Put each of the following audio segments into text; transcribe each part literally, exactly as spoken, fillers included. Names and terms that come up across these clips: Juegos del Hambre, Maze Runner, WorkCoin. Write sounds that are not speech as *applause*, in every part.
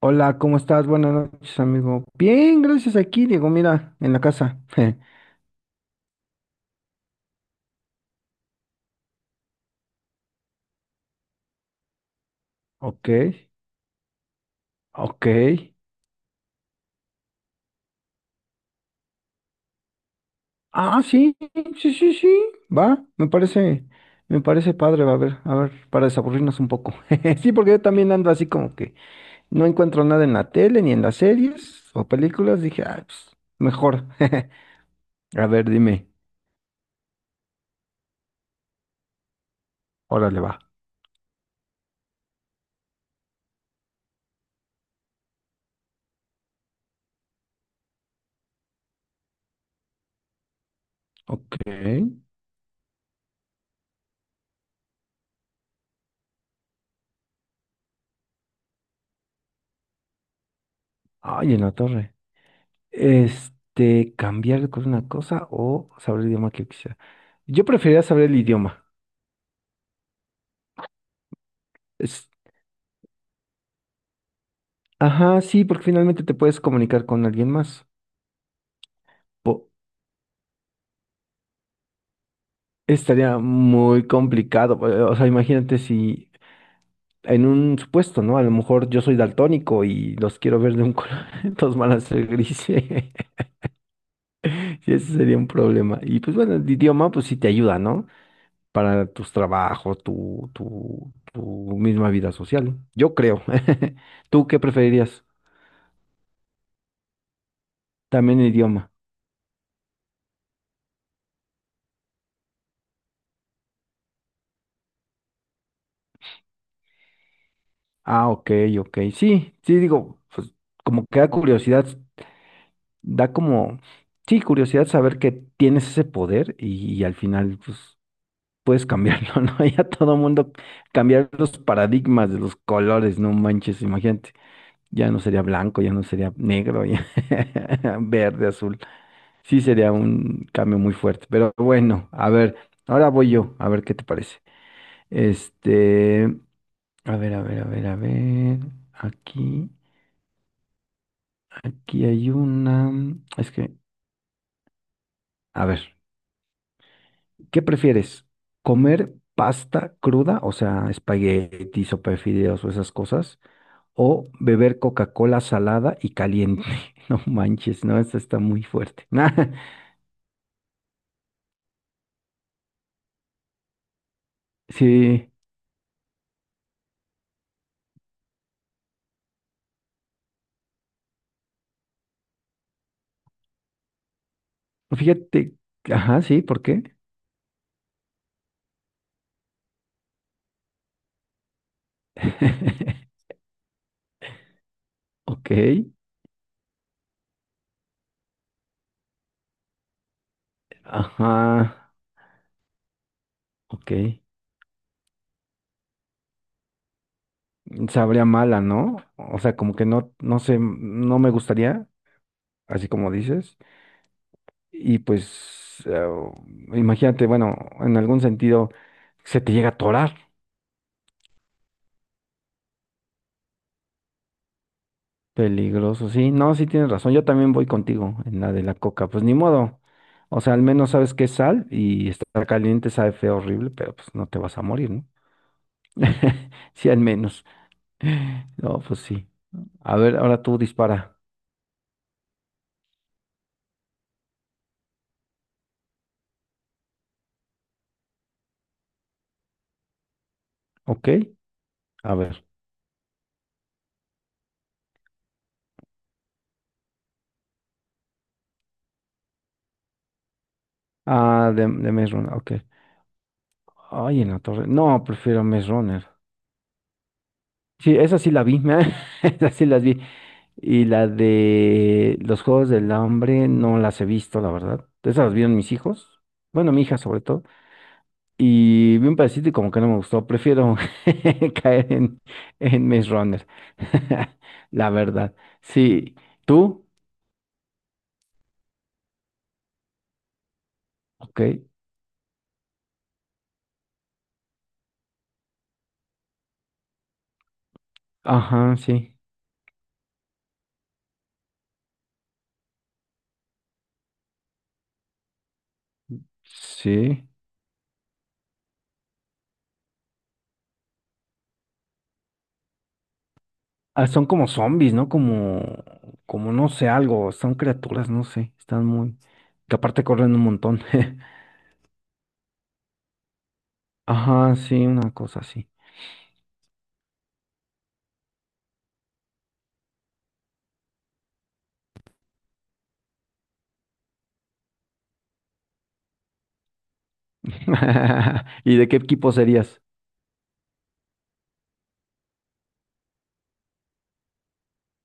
Hola, ¿cómo estás? Buenas noches, amigo. Bien, gracias aquí, Diego, mira, en la casa. *laughs* Ok, ok. Ah, sí, sí, sí, sí. Va, me parece, me parece padre, va a ver, a ver, para desaburrirnos un poco. *laughs* Sí, porque yo también ando así como que no encuentro nada en la tele, ni en las series o películas. Dije, ah, pues, mejor. *laughs* A ver, dime. Órale, va. Ok. Ay, en la torre. Este, cambiar con una cosa o saber el idioma que quisiera. Yo preferiría saber el idioma. Es, ajá, sí, porque finalmente te puedes comunicar con alguien más. Po- Estaría muy complicado. eh, O sea, imagínate si en un supuesto, ¿no? A lo mejor yo soy daltónico y los quiero ver de un color, *laughs* entonces van a ser grises. *laughs* Y ese sería un problema. Y pues bueno, el idioma pues sí te ayuda, ¿no? Para tus trabajos, tu, tu, tu misma vida social. Yo creo. *laughs* ¿Tú qué preferirías? También idioma. Ah, ok, ok. Sí, sí, digo, pues como que da curiosidad, da como, sí, curiosidad saber que tienes ese poder y, y al final, pues, puedes cambiarlo, *laughs* ¿no? Ya todo mundo cambiar los paradigmas de los colores, no manches, imagínate. Ya no sería blanco, ya no sería negro, ya *laughs* verde, azul. Sí, sería un cambio muy fuerte. Pero bueno, a ver, ahora voy yo, a ver qué te parece. Este, a ver, a ver, a ver, a ver. Aquí, aquí hay una. Es que, a ver, ¿qué prefieres? ¿Comer pasta cruda, o sea, espagueti, sopa de fideos o esas cosas? ¿O beber Coca-Cola salada y caliente? *laughs* No manches, no, esta está muy fuerte. *laughs* Nah, sí, fíjate, ajá, sí, ¿por qué? *laughs* Ok. Ajá, ok. Sabría mala, ¿no? O sea, como que no, no sé, no me gustaría, así como dices. Y pues, eh, imagínate, bueno, en algún sentido se te llega a atorar. Peligroso, sí. No, sí tienes razón. Yo también voy contigo en la de la coca. Pues ni modo. O sea, al menos sabes que es sal y está caliente, sabe feo, horrible, pero pues no te vas a morir, ¿no? *laughs* Sí, al menos. No, pues sí. A ver, ahora tú dispara. ¿Ok? A ver. Ah, de, de Maze Runner, ok. Ay, en la torre. No, prefiero Maze Runner. Sí, esa sí la vi, *laughs* esa sí las vi. Y la de los Juegos del Hambre no las he visto, la verdad. Esas las vieron mis hijos. Bueno, mi hija sobre todo. Y vi un pedacito y como que no me gustó. Prefiero *laughs* caer en, en Maze Runner. *laughs* La verdad. Sí. ¿Tú? Ok. Ajá, sí. Sí. Ah, son como zombies, ¿no? Como, como no sé, algo, son criaturas, no sé, están muy, que aparte corren un montón. *laughs* Ajá, sí, una cosa así. *laughs* ¿Y de qué equipo serías?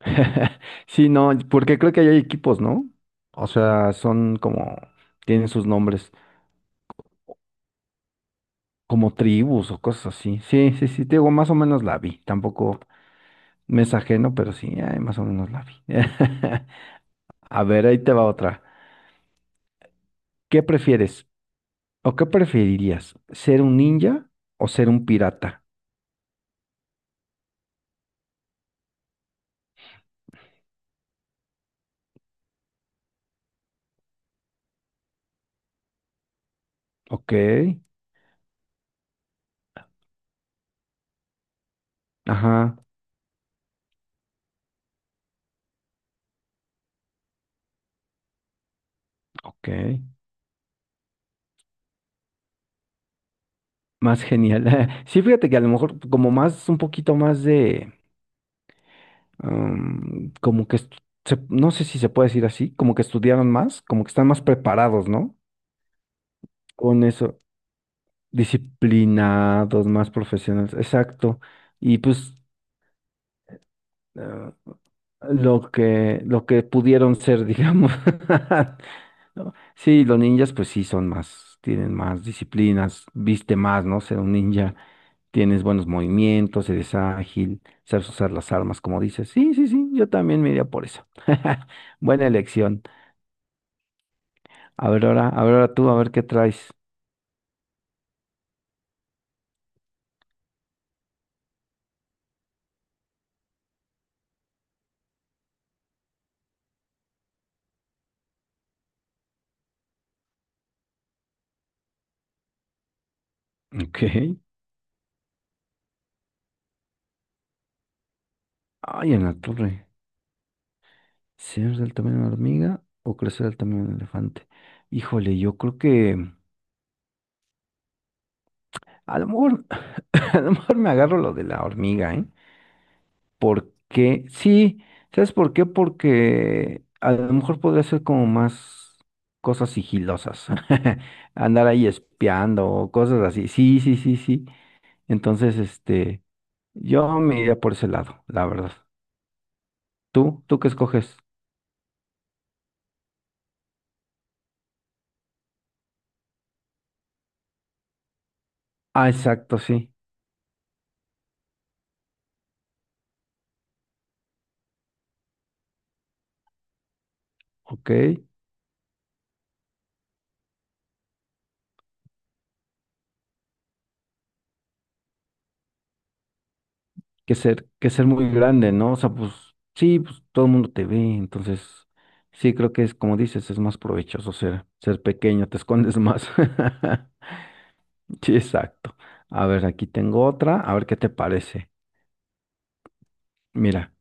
*laughs* Sí, no, porque creo que ahí hay equipos, ¿no? O sea, son como, tienen sus nombres, como tribus o cosas así. Sí, sí, sí, te digo, más o menos la vi. Tampoco me es ajeno, pero sí, ay, más o menos la vi. *laughs* A ver, ahí te va otra. ¿Qué prefieres? ¿O qué preferirías? ¿Ser un ninja o ser un pirata? Ok, ajá, ok. Más genial. *laughs* Sí, fíjate que a lo mejor como más, un poquito más de, am, como que, estu- se- no sé si se puede decir así, como que estudiaron más, como que están más preparados, ¿no? Con eso, disciplinados, más profesionales, exacto. Y pues, eh, lo que, lo que pudieron ser, digamos. *laughs* ¿no? Sí, los ninjas pues sí son más, tienen más disciplinas, viste más, ¿no? Ser un ninja, tienes buenos movimientos, eres ágil, sabes usar las armas, como dices. Sí, sí, sí, yo también me iría por eso. *laughs* Buena elección. A ver ahora, a ver ahora tú, a ver qué traes. Ok. Ay, en la torre. ¿Ser del tamaño de una hormiga o crecer del tamaño de un elefante? Híjole, yo creo que a lo mejor, *laughs* a lo mejor me agarro lo de la hormiga, ¿eh? Porque, sí, ¿sabes por qué? Porque a lo mejor podría ser como más cosas sigilosas, *laughs* andar ahí espiando o cosas así. Sí, sí, sí, sí. Entonces, este, yo me iría por ese lado, la verdad. ¿Tú? ¿Tú qué escoges? Ah, exacto, sí. Ok. Que ser, que ser muy grande, ¿no? O sea, pues sí, pues todo el mundo te ve, entonces sí creo que es como dices, es más provechoso ser, ser pequeño, te escondes más. *laughs* Sí, exacto. A ver, aquí tengo otra. A ver qué te parece. Mira,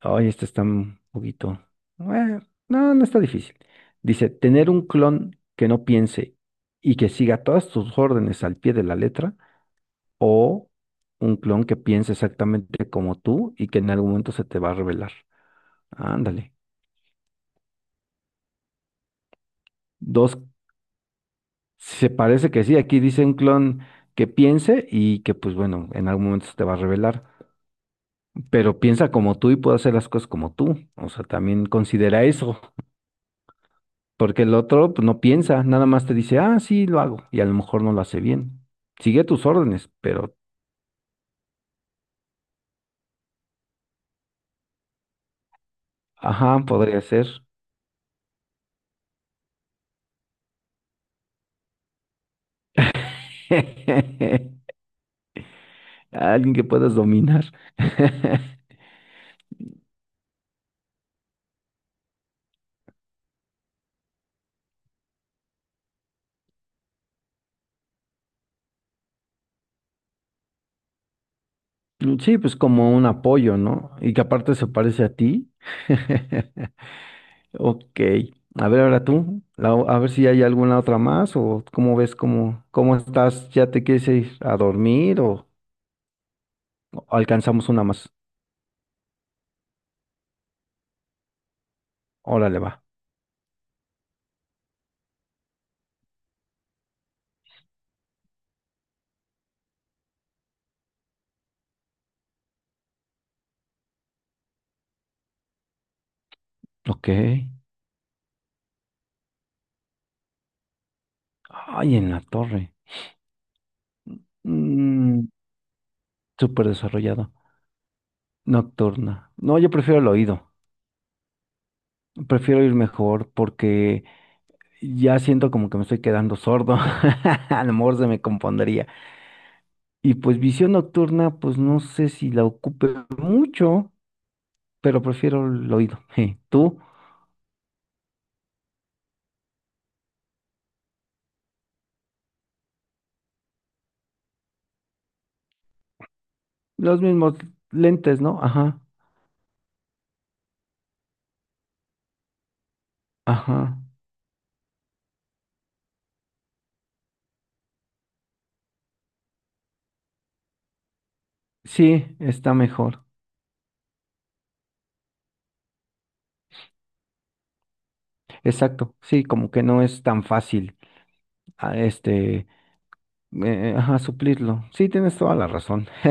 ay, esta está un poquito. Bueno, no, no está difícil. Dice, tener un clon que no piense y que siga todas tus órdenes al pie de la letra, o un clon que piense exactamente como tú y que en algún momento se te va a revelar. Ándale. Dos, se parece que sí. Aquí dice un clon que piense y que, pues bueno, en algún momento se te va a revelar, pero piensa como tú y puede hacer las cosas como tú. O sea, también considera eso, porque el otro pues, no piensa, nada más te dice, ah, sí, lo hago, y a lo mejor no lo hace bien. Sigue tus órdenes, pero, ajá, podría ser. *laughs* Alguien que puedas dominar. *laughs* Sí, pues como un apoyo, ¿no? Y que aparte se parece a ti. *laughs* Ok. A ver, ahora tú, la o- a ver si hay alguna otra más o cómo ves, cómo, cómo estás, ¿ya te quieres ir a dormir o alcanzamos una más? Órale, va. Ok. Ay, en la torre. Mm, súper desarrollado. Nocturna. No, yo prefiero el oído. Prefiero ir mejor porque ya siento como que me estoy quedando sordo. *laughs* A lo mejor se me compondría. Y pues visión nocturna, pues no sé si la ocupe mucho, pero prefiero el oído. *laughs* Je, tú, los mismos lentes, ¿no? Ajá, ajá. Sí, está mejor. Exacto. Sí, como que no es tan fácil. a este, eh, ajá, suplirlo. Sí, tienes toda la razón. *laughs*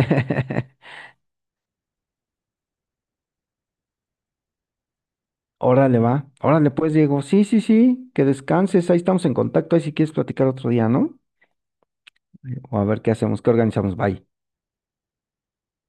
Órale, va. Órale, pues, Diego. Sí, sí, sí, que descanses. Ahí estamos en contacto. Ahí si quieres platicar otro día, ¿no? O a ver qué hacemos, qué organizamos. Bye.